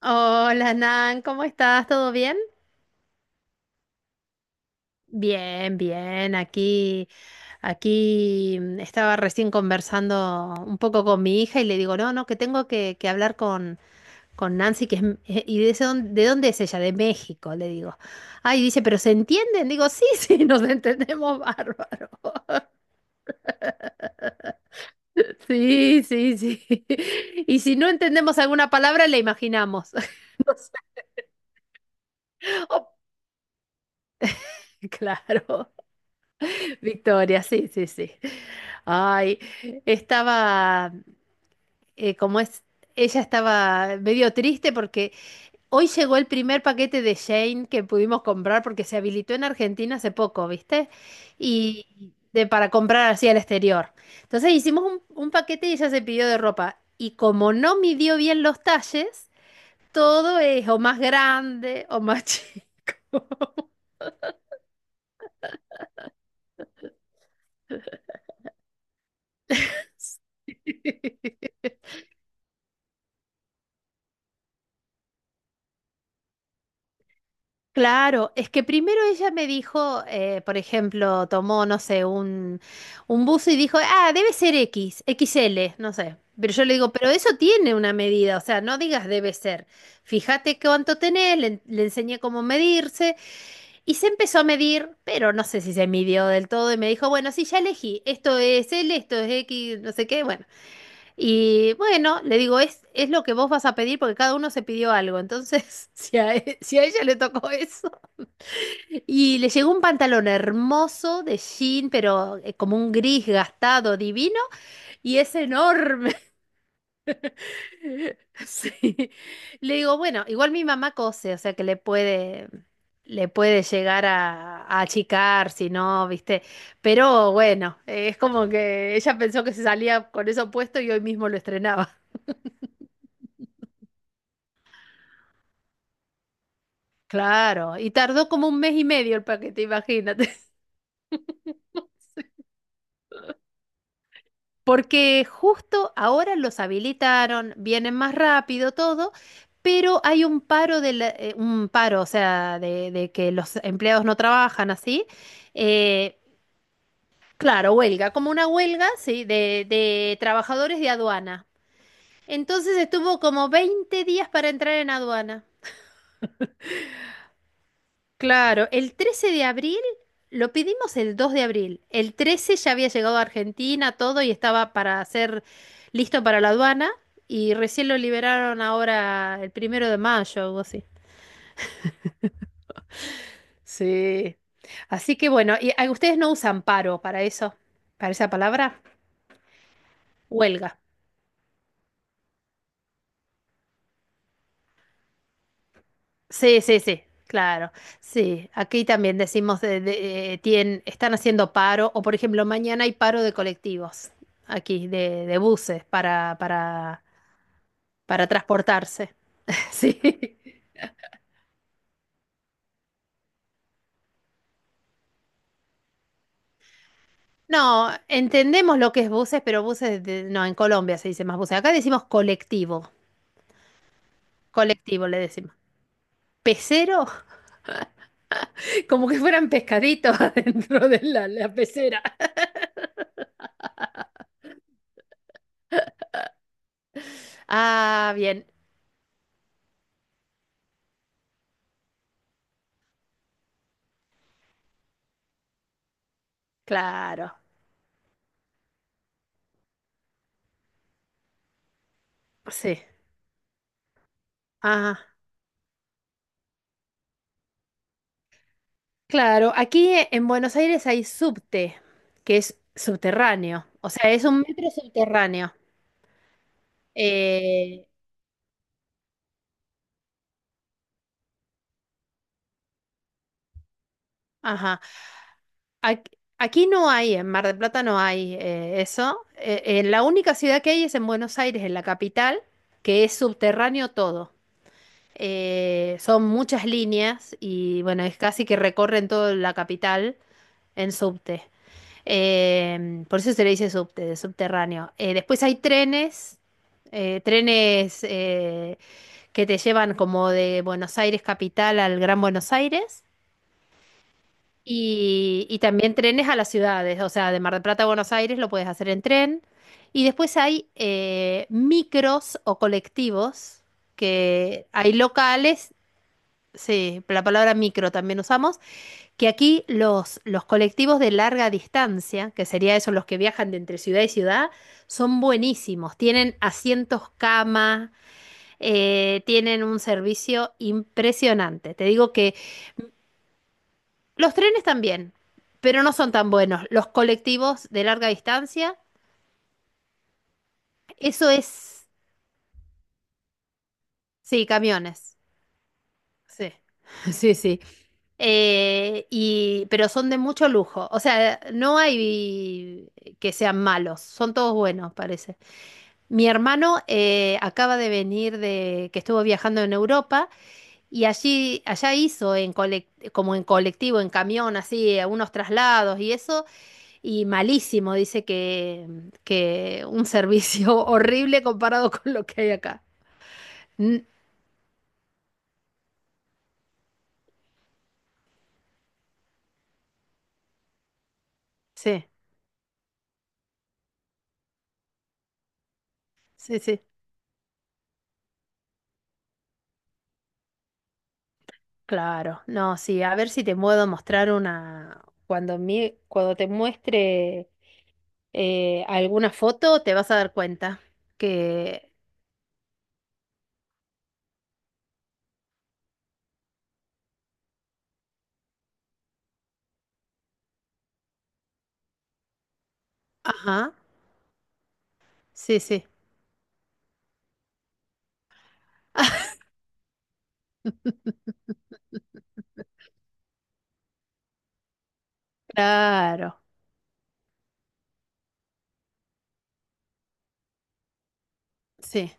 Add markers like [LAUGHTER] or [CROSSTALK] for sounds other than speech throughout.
Hola Nan, ¿cómo estás? ¿Todo bien? Bien, bien. Aquí, estaba recién conversando un poco con mi hija y le digo, no, no, que tengo que hablar con Nancy, que es, ¿de dónde es ella? De México, le digo. Ay, dice, ¿pero se entienden? Digo, sí, [LAUGHS] sí, nos entendemos bárbaro. [LAUGHS] Sí, sí, sí. [LAUGHS] Y si no entendemos alguna palabra, la imaginamos. [LAUGHS] No sé. Oh, claro. Victoria, sí, sí, sí. Ay, estaba, eh, como es, ella estaba medio triste porque hoy llegó el primer paquete de Shane que pudimos comprar porque se habilitó en Argentina hace poco, ¿viste? Y para comprar así al exterior. Entonces hicimos un paquete y ella se pidió de ropa. Y como no midió bien los talles, todo es o más grande o más chico. [LAUGHS] Claro, es que primero ella me dijo, por ejemplo, tomó, no sé, un buzo y dijo, ah, debe ser X, X L, no sé. Pero yo le digo, pero eso tiene una medida, o sea, no digas debe ser. Fíjate cuánto tenés, le enseñé cómo medirse y se empezó a medir, pero no sé si se midió del todo y me dijo, bueno, sí, ya elegí, esto es L, esto es X, no sé qué, bueno. Y bueno, le digo, es lo que vos vas a pedir porque cada uno se pidió algo, entonces [LAUGHS] si a ella le tocó eso. Y le llegó un pantalón hermoso de jean, pero como un gris gastado, divino, y es enorme. [LAUGHS] Sí. Le digo, bueno, igual mi mamá cose, o sea que le puede llegar a achicar, si no, viste. Pero bueno, es como que ella pensó que se salía con eso puesto y hoy mismo lo estrenaba. [LAUGHS] Claro, y tardó como un mes y medio el paquete, imagínate. Porque justo ahora los habilitaron, vienen más rápido todo, pero hay un paro, o sea, de que los empleados no trabajan así. Eh, claro, huelga, como una huelga, sí, de trabajadores de aduana. Entonces estuvo como 20 días para entrar en aduana. Claro, el 13 de abril lo pedimos el 2 de abril. El 13 ya había llegado a Argentina todo y estaba para ser listo para la aduana y recién lo liberaron ahora el primero de mayo o algo así. Sí. Así que bueno, y ustedes no usan paro para eso, para esa palabra, huelga. Sí, sí, sí, claro. Sí, aquí también decimos están haciendo paro o por ejemplo mañana hay paro de colectivos aquí de buses para transportarse. [LAUGHS] Sí. No, entendemos lo que es buses, pero buses, no, en Colombia se dice más buses. Acá decimos colectivo, colectivo le decimos. ¿Pecero? [LAUGHS] Como que fueran pescaditos [LAUGHS] adentro de la pecera. Ah, bien, claro, sí. Ah, claro, aquí en Buenos Aires hay subte, que es subterráneo, o sea, es un metro subterráneo. Eh, ajá. Ac- Aquí no hay, en Mar del Plata no hay eso. La única ciudad que hay es en Buenos Aires, en la capital, que es subterráneo todo. Son muchas líneas y bueno, es casi que recorren toda la capital en subte. Por eso se le dice subte, de subterráneo. Después hay trenes, eh, trenes eh, que te llevan como de Buenos Aires capital al Gran Buenos Aires. Y también trenes a las ciudades, o sea, de Mar del Plata a Buenos Aires lo puedes hacer en tren. Y después hay micros o colectivos, que hay locales, sí, la palabra micro también usamos, que aquí los colectivos de larga distancia, que sería eso, los que viajan de entre ciudad y ciudad, son buenísimos. Tienen asientos cama, tienen un servicio impresionante. Te digo que... Los trenes también, pero no son tan buenos. Los colectivos de larga distancia, eso es, sí, camiones. Sí, [LAUGHS] sí, sí. Pero son de mucho lujo. O sea, no hay que sean malos, son todos buenos, parece. Mi hermano acaba de venir que estuvo viajando en Europa y allá hizo como en colectivo, en camión, así, algunos traslados y eso. Y malísimo, dice que un servicio [LAUGHS] horrible comparado con lo que hay acá. Mm, sí, sí, sí. Claro. No, sí, a ver si te puedo mostrar una. Cuando te muestre alguna foto, te vas a dar cuenta que. Ajá, sí, sí. [LAUGHS] Claro, sí.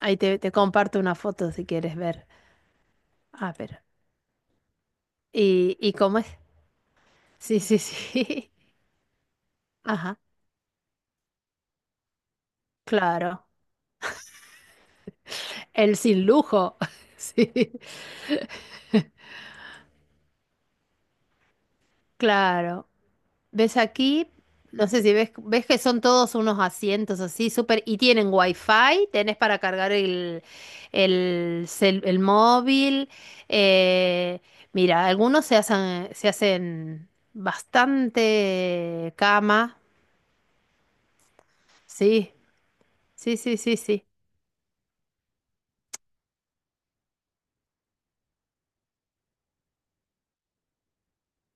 Ahí te comparto una foto si quieres ver. Ah, pero. ¿Y cómo es? Sí, sí, sí. [LAUGHS] Ajá, claro. El sin lujo. [LAUGHS] Sí, claro. ¿Ves aquí? No sé si ves, ves que son todos unos asientos así, súper, y tienen wifi, tenés para cargar el móvil. eh, mira, algunos se hacen bastante cama. Sí, sí, sí, sí, sí.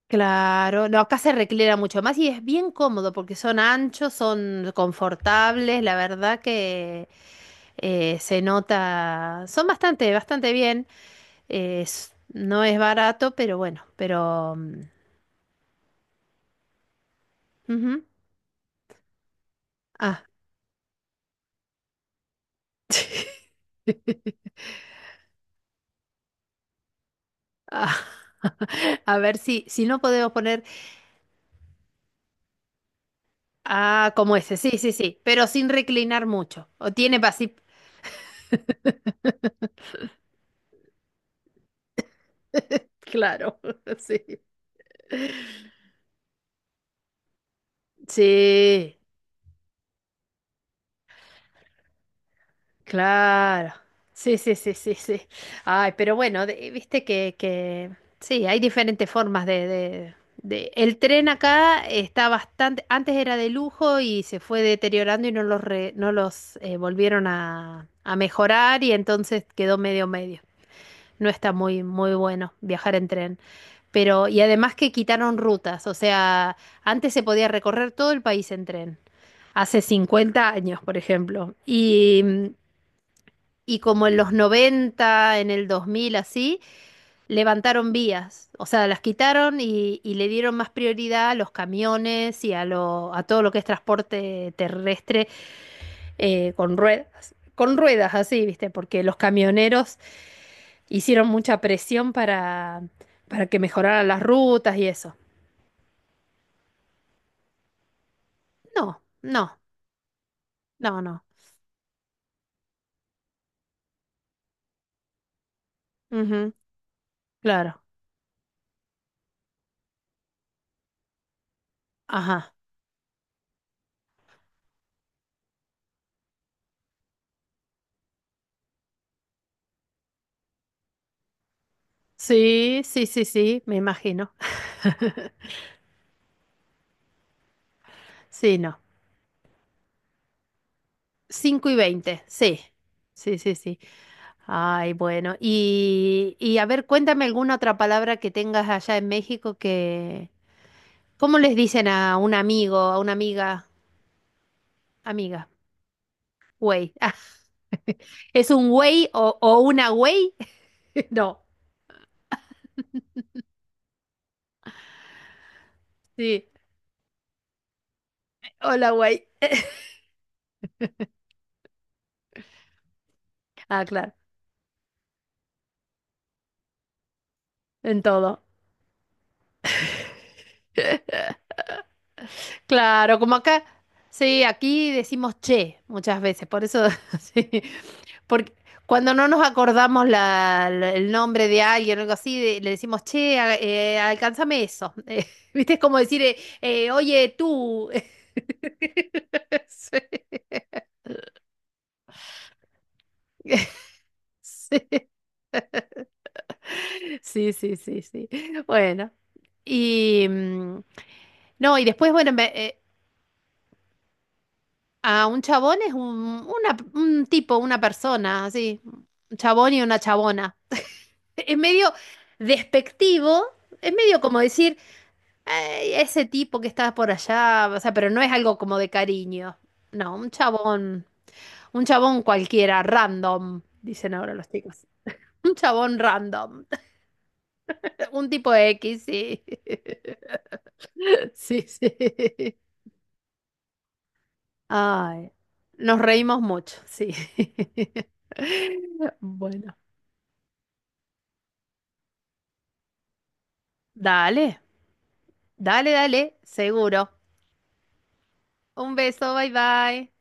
Claro, no, acá se reclina mucho más y es bien cómodo porque son anchos, son confortables, la verdad que se nota, son bastante, bastante bien. No es barato, pero bueno, pero... mm, ujú. Ah. [LAUGHS] Ah, [LAUGHS] A ver si no podemos poner como ese, sí, sí, sí, pero sin reclinar mucho. O tiene así. Claro, [LAUGHS] sí. Sí. Claro, sí, sí, sí, sí, sí. Ay, pero bueno, viste que sí, hay diferentes formas el tren acá está bastante, antes era de lujo y se fue deteriorando y no los volvieron a mejorar y entonces quedó medio medio. No está muy, muy bueno viajar en tren. Pero, y además que quitaron rutas, o sea, antes se podía recorrer todo el país en tren hace 50 años, por ejemplo. Y como en los 90 en el 2000 así, levantaron vías. O sea, las quitaron y le dieron más prioridad a los camiones y a todo lo que es transporte terrestre con ruedas. Con ruedas, así, ¿viste? Porque los camioneros hicieron mucha presión para que mejoraran las rutas y eso. No, no, no, no. Ujú, claro. Ajá. Sí, sí, sí, sí, me imagino. [LAUGHS] Sí, no. 5:20, sí. Sí, sí, sí. Ay, bueno. Y a ver, cuéntame alguna otra palabra que tengas allá en México que... ¿Cómo les dicen a un amigo, a una amiga? Amiga. Güey. Ah, ¿es un güey o una güey? [LAUGHS] No. Sí. Hola, güey. [LAUGHS] Ah, claro. En todo. [LAUGHS] Claro, como acá, sí, aquí decimos che muchas veces, por eso, [LAUGHS] sí, porque cuando no nos acordamos el nombre de alguien o algo así, le decimos che, alcánzame eso. [LAUGHS] ¿Viste? Es como decir, oye, tú. [LAUGHS] Sí. [LAUGHS] Sí. [LAUGHS] Sí, sí, sí, sí. Bueno, y no, y después, bueno. Ah, un chabón es un tipo, una persona, así. Un chabón y una chabona. [LAUGHS] Es medio despectivo, es medio como decir, Ay, ese tipo que está por allá, o sea, pero no es algo como de cariño. No, un chabón cualquiera, random, dicen ahora los chicos. Un chabón random, [LAUGHS] un tipo X, sí. [LAUGHS] Sí, sí. Ay, nos reímos mucho, sí. [LAUGHS] Bueno, dale, dale, dale, seguro. Un beso, bye bye.